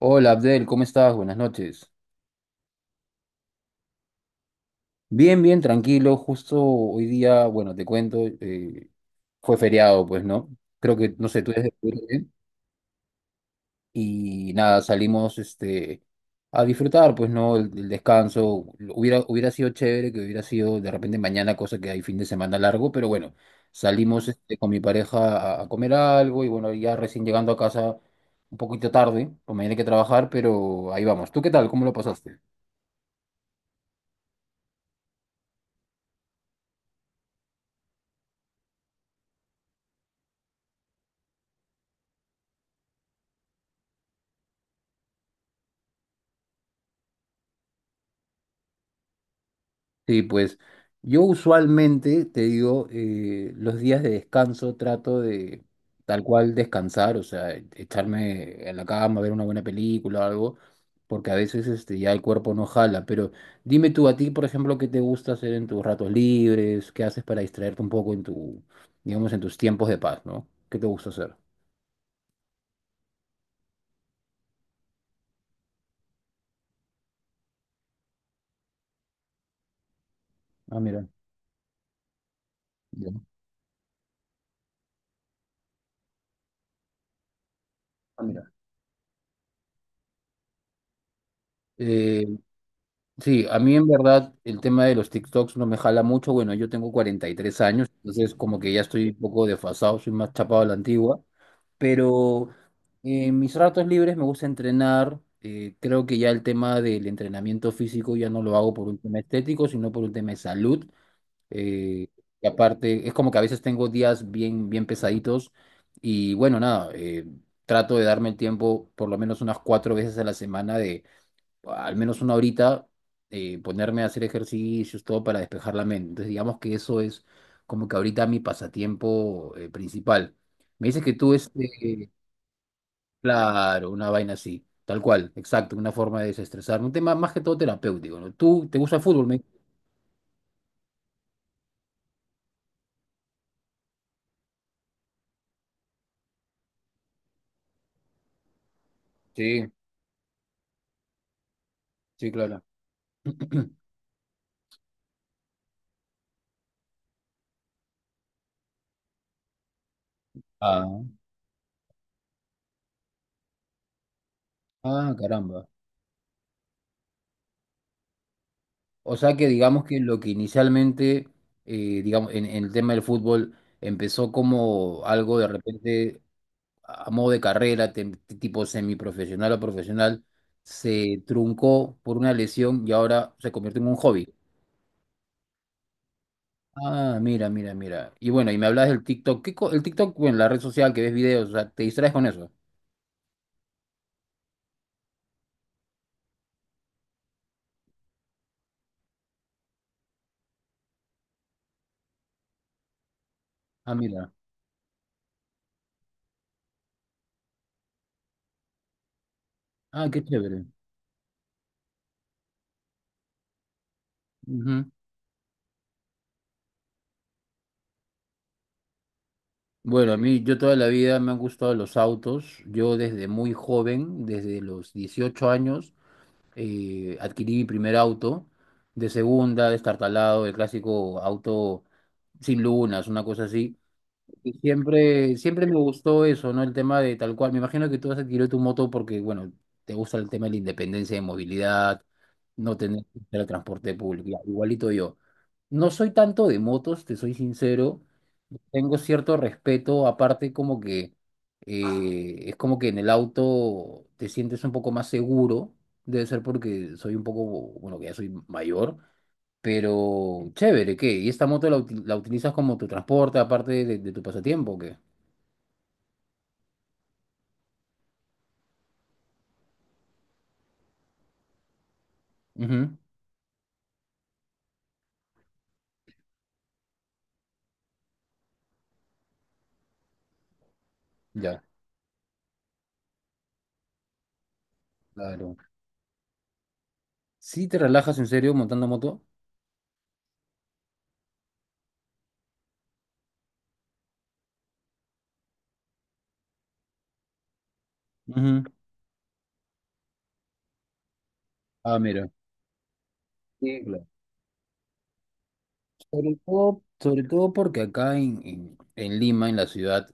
Hola Abdel, ¿cómo estás? Buenas noches. Bien, bien, tranquilo. Justo hoy día, bueno, te cuento, fue feriado, pues, ¿no? Creo que, no sé, tú eres de Perú, ¿eh? Y nada, salimos a disfrutar, pues, ¿no? El descanso. Hubiera sido chévere que hubiera sido de repente mañana, cosa que hay fin de semana largo, pero bueno, salimos con mi pareja a comer algo y bueno, ya recién llegando a casa un poquito tarde, pues mañana hay que trabajar, pero ahí vamos. ¿Tú qué tal? ¿Cómo lo pasaste? Sí, pues yo usualmente, te digo, los días de descanso trato de tal cual descansar, o sea, echarme en la cama, ver una buena película o algo, porque a veces ya el cuerpo no jala. Pero dime tú, a ti, por ejemplo, ¿qué te gusta hacer en tus ratos libres? ¿Qué haces para distraerte un poco en tu, digamos, en tus tiempos de paz, no? ¿Qué te gusta hacer? Ah, mira. Ya. Ah, mira. Sí, a mí en verdad el tema de los TikToks no me jala mucho. Bueno, yo tengo 43 años, entonces como que ya estoy un poco desfasado, soy más chapado a la antigua. Pero en mis ratos libres me gusta entrenar. Creo que ya el tema del entrenamiento físico ya no lo hago por un tema estético, sino por un tema de salud. Eh, y aparte, es como que a veces tengo días bien, bien pesaditos y bueno, nada, trato de darme el tiempo por lo menos unas 4 veces a la semana al menos una horita, ponerme a hacer ejercicios, todo para despejar la mente. Entonces, digamos que eso es como que ahorita mi pasatiempo, principal. Me dices que tú, claro, una vaina así, tal cual, exacto, una forma de desestresar, un tema más que todo terapéutico, ¿no? ¿Tú te gusta el fútbol? Sí, sí, claro. Ah, ah, caramba. O sea que digamos que lo que inicialmente, digamos, en el tema del fútbol empezó como algo de repente a modo de carrera, tipo semiprofesional o profesional, se truncó por una lesión y ahora se convierte en un hobby. Ah, mira, mira, mira. Y bueno, y me hablas del TikTok. El TikTok, bueno, la red social que ves videos, o sea, te distraes con eso. Ah, mira. Ah, qué chévere. Ujú. Bueno, a mí, yo toda la vida me han gustado los autos. Yo desde muy joven, desde los 18 años, adquirí mi primer auto. De segunda, destartalado, el clásico auto sin lunas, una cosa así. Y siempre, siempre me gustó eso, ¿no? El tema de tal cual. Me imagino que tú has adquirido tu moto porque, bueno, te gusta el tema de la independencia de movilidad, no tener que usar el transporte público. Ya, igualito yo. No soy tanto de motos, te soy sincero. Tengo cierto respeto, aparte como que es como que en el auto te sientes un poco más seguro. Debe ser porque soy un poco, bueno, que ya soy mayor. Pero chévere, ¿qué? ¿Y esta moto la, la utilizas como tu transporte, aparte de tu pasatiempo, o qué? Ujú, ya, claro. ¿Sí te relajas en serio montando moto? Ujú. Ah, mira. Sí, claro. Sobre todo porque acá en Lima, en la ciudad,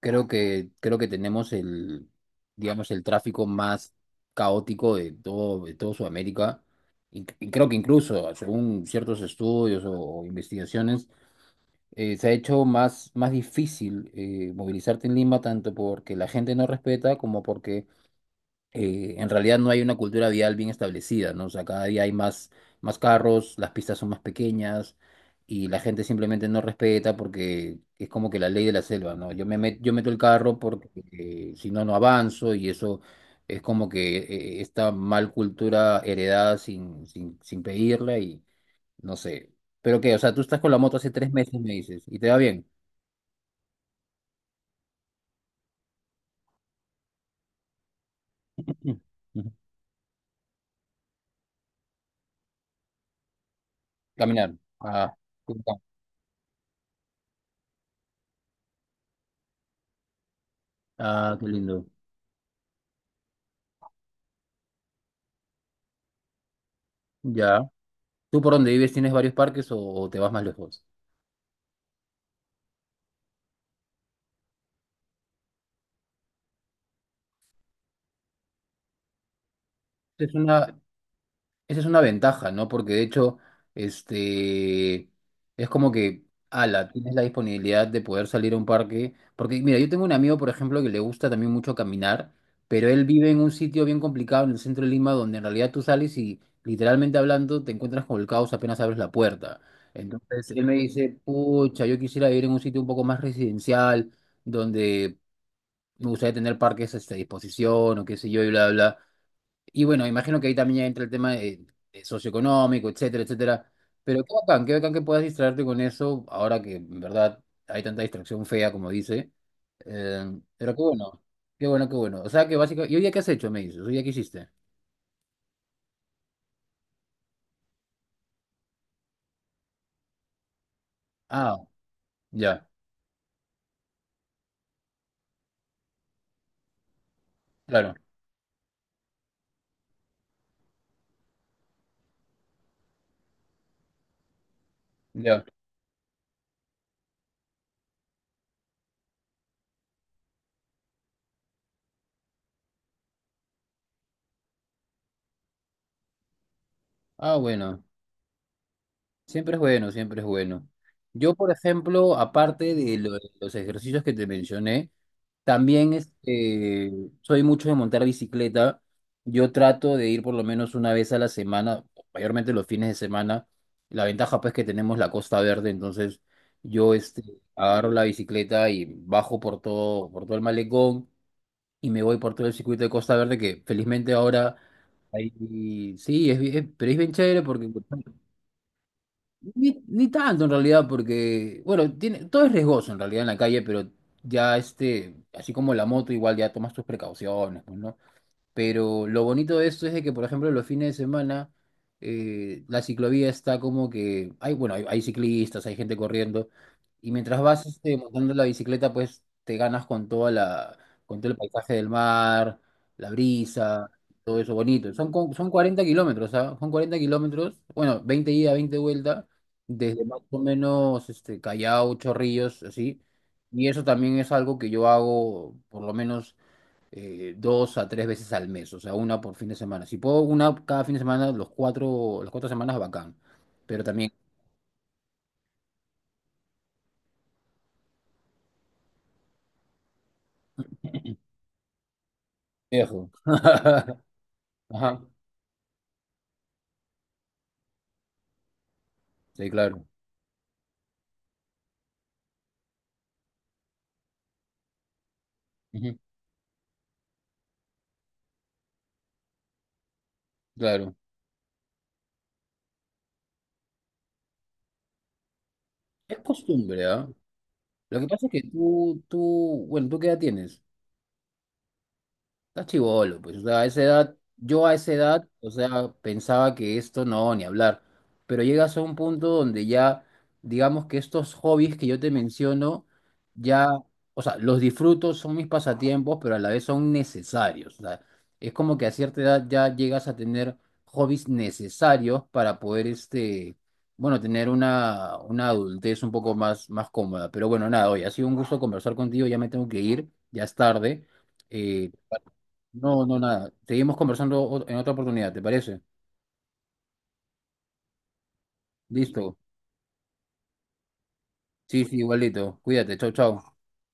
creo que tenemos el, digamos, el tráfico más caótico de todo Sudamérica. Y creo que incluso, según ciertos estudios o investigaciones, se ha hecho más difícil, movilizarte en Lima, tanto porque la gente no respeta como porque en realidad no hay una cultura vial bien establecida, ¿no? O sea, cada día hay más carros, las pistas son más pequeñas y la gente simplemente no respeta porque es como que la ley de la selva, ¿no? Yo meto el carro porque, si no, no avanzo, y eso es como que esta mal cultura heredada sin pedirla, y no sé. Pero que, o sea, tú estás con la moto hace 3 meses, me dices, y te va bien. Mm, ujú. Caminar. Ah, qué bacán. Ah, qué lindo. Ya. ¿Tú por dónde vives tienes varios parques o te vas más lejos? Es una, Esa es una ventaja, ¿no? Porque de hecho, este, es como que, ala, tienes la disponibilidad de poder salir a un parque. Porque, mira, yo tengo un amigo, por ejemplo, que le gusta también mucho caminar, pero él vive en un sitio bien complicado en el centro de Lima, donde en realidad tú sales y, literalmente hablando, te encuentras con el caos apenas abres la puerta. Entonces, él me dice, pucha, yo quisiera vivir en un sitio un poco más residencial, donde me gustaría tener parques, a disposición o qué sé yo, y bla, bla. Y bueno, imagino que ahí también ya entra el tema de socioeconómico, etcétera, etcétera. Pero qué bacán que puedas distraerte con eso, ahora que en verdad hay tanta distracción fea, como dice. Eh, pero qué bueno, qué bueno, qué bueno. O sea que básicamente, ¿y hoy día qué has hecho, me dices? ¿Hoy día qué hiciste? Ah, ya, claro, ya. Ah, bueno, siempre es bueno, siempre es bueno. Yo, por ejemplo, aparte de los ejercicios que te mencioné, también soy mucho de montar bicicleta. Yo trato de ir por lo menos una vez a la semana, mayormente los fines de semana. La ventaja pues que tenemos la Costa Verde, entonces yo agarro la bicicleta y bajo por todo el malecón, y me voy por todo el circuito de Costa Verde que felizmente ahora ahí sí, pero es bien chévere porque ni, ni tanto en realidad, porque, bueno, todo es riesgoso en realidad en la calle, pero ya, así como la moto, igual ya tomas tus precauciones, pues, ¿no? Pero lo bonito de esto es de que, por ejemplo, los fines de semana la ciclovía está como que hay, bueno, hay ciclistas, hay gente corriendo, y mientras vas, montando la bicicleta, pues te ganas con con todo el paisaje del mar, la brisa, todo eso bonito. Son 40 kilómetros, ¿ah? Son 40 kilómetros, bueno, 20 ida, 20 vuelta, desde más o menos, Callao, Chorrillos, así. Y eso también es algo que yo hago, por lo menos, 2 a 3 veces al mes, o sea, una por fin de semana. Si puedo una cada fin de semana, los cuatro, las cuatro semanas, bacán. Pero también viejo. Ajá, sí, claro. Ujú, claro. Es costumbre, ¿ah? Lo que pasa es que bueno, ¿tú qué edad tienes? Está chibolo, pues, o sea, a esa edad, yo a esa edad, o sea, pensaba que esto no, ni hablar, pero llegas a un punto donde ya, digamos que estos hobbies que yo te menciono, ya, o sea, los disfruto, son mis pasatiempos, pero a la vez son necesarios, o sea, es como que a cierta edad ya llegas a tener hobbies necesarios para poder, bueno, tener una adultez un poco más cómoda, pero bueno, nada, hoy ha sido un gusto conversar contigo, ya me tengo que ir, ya es tarde. Eh, no, no, nada. Seguimos conversando en otra oportunidad, ¿te parece? Listo. Sí, sí, igualito. Cuídate. Chau, chau.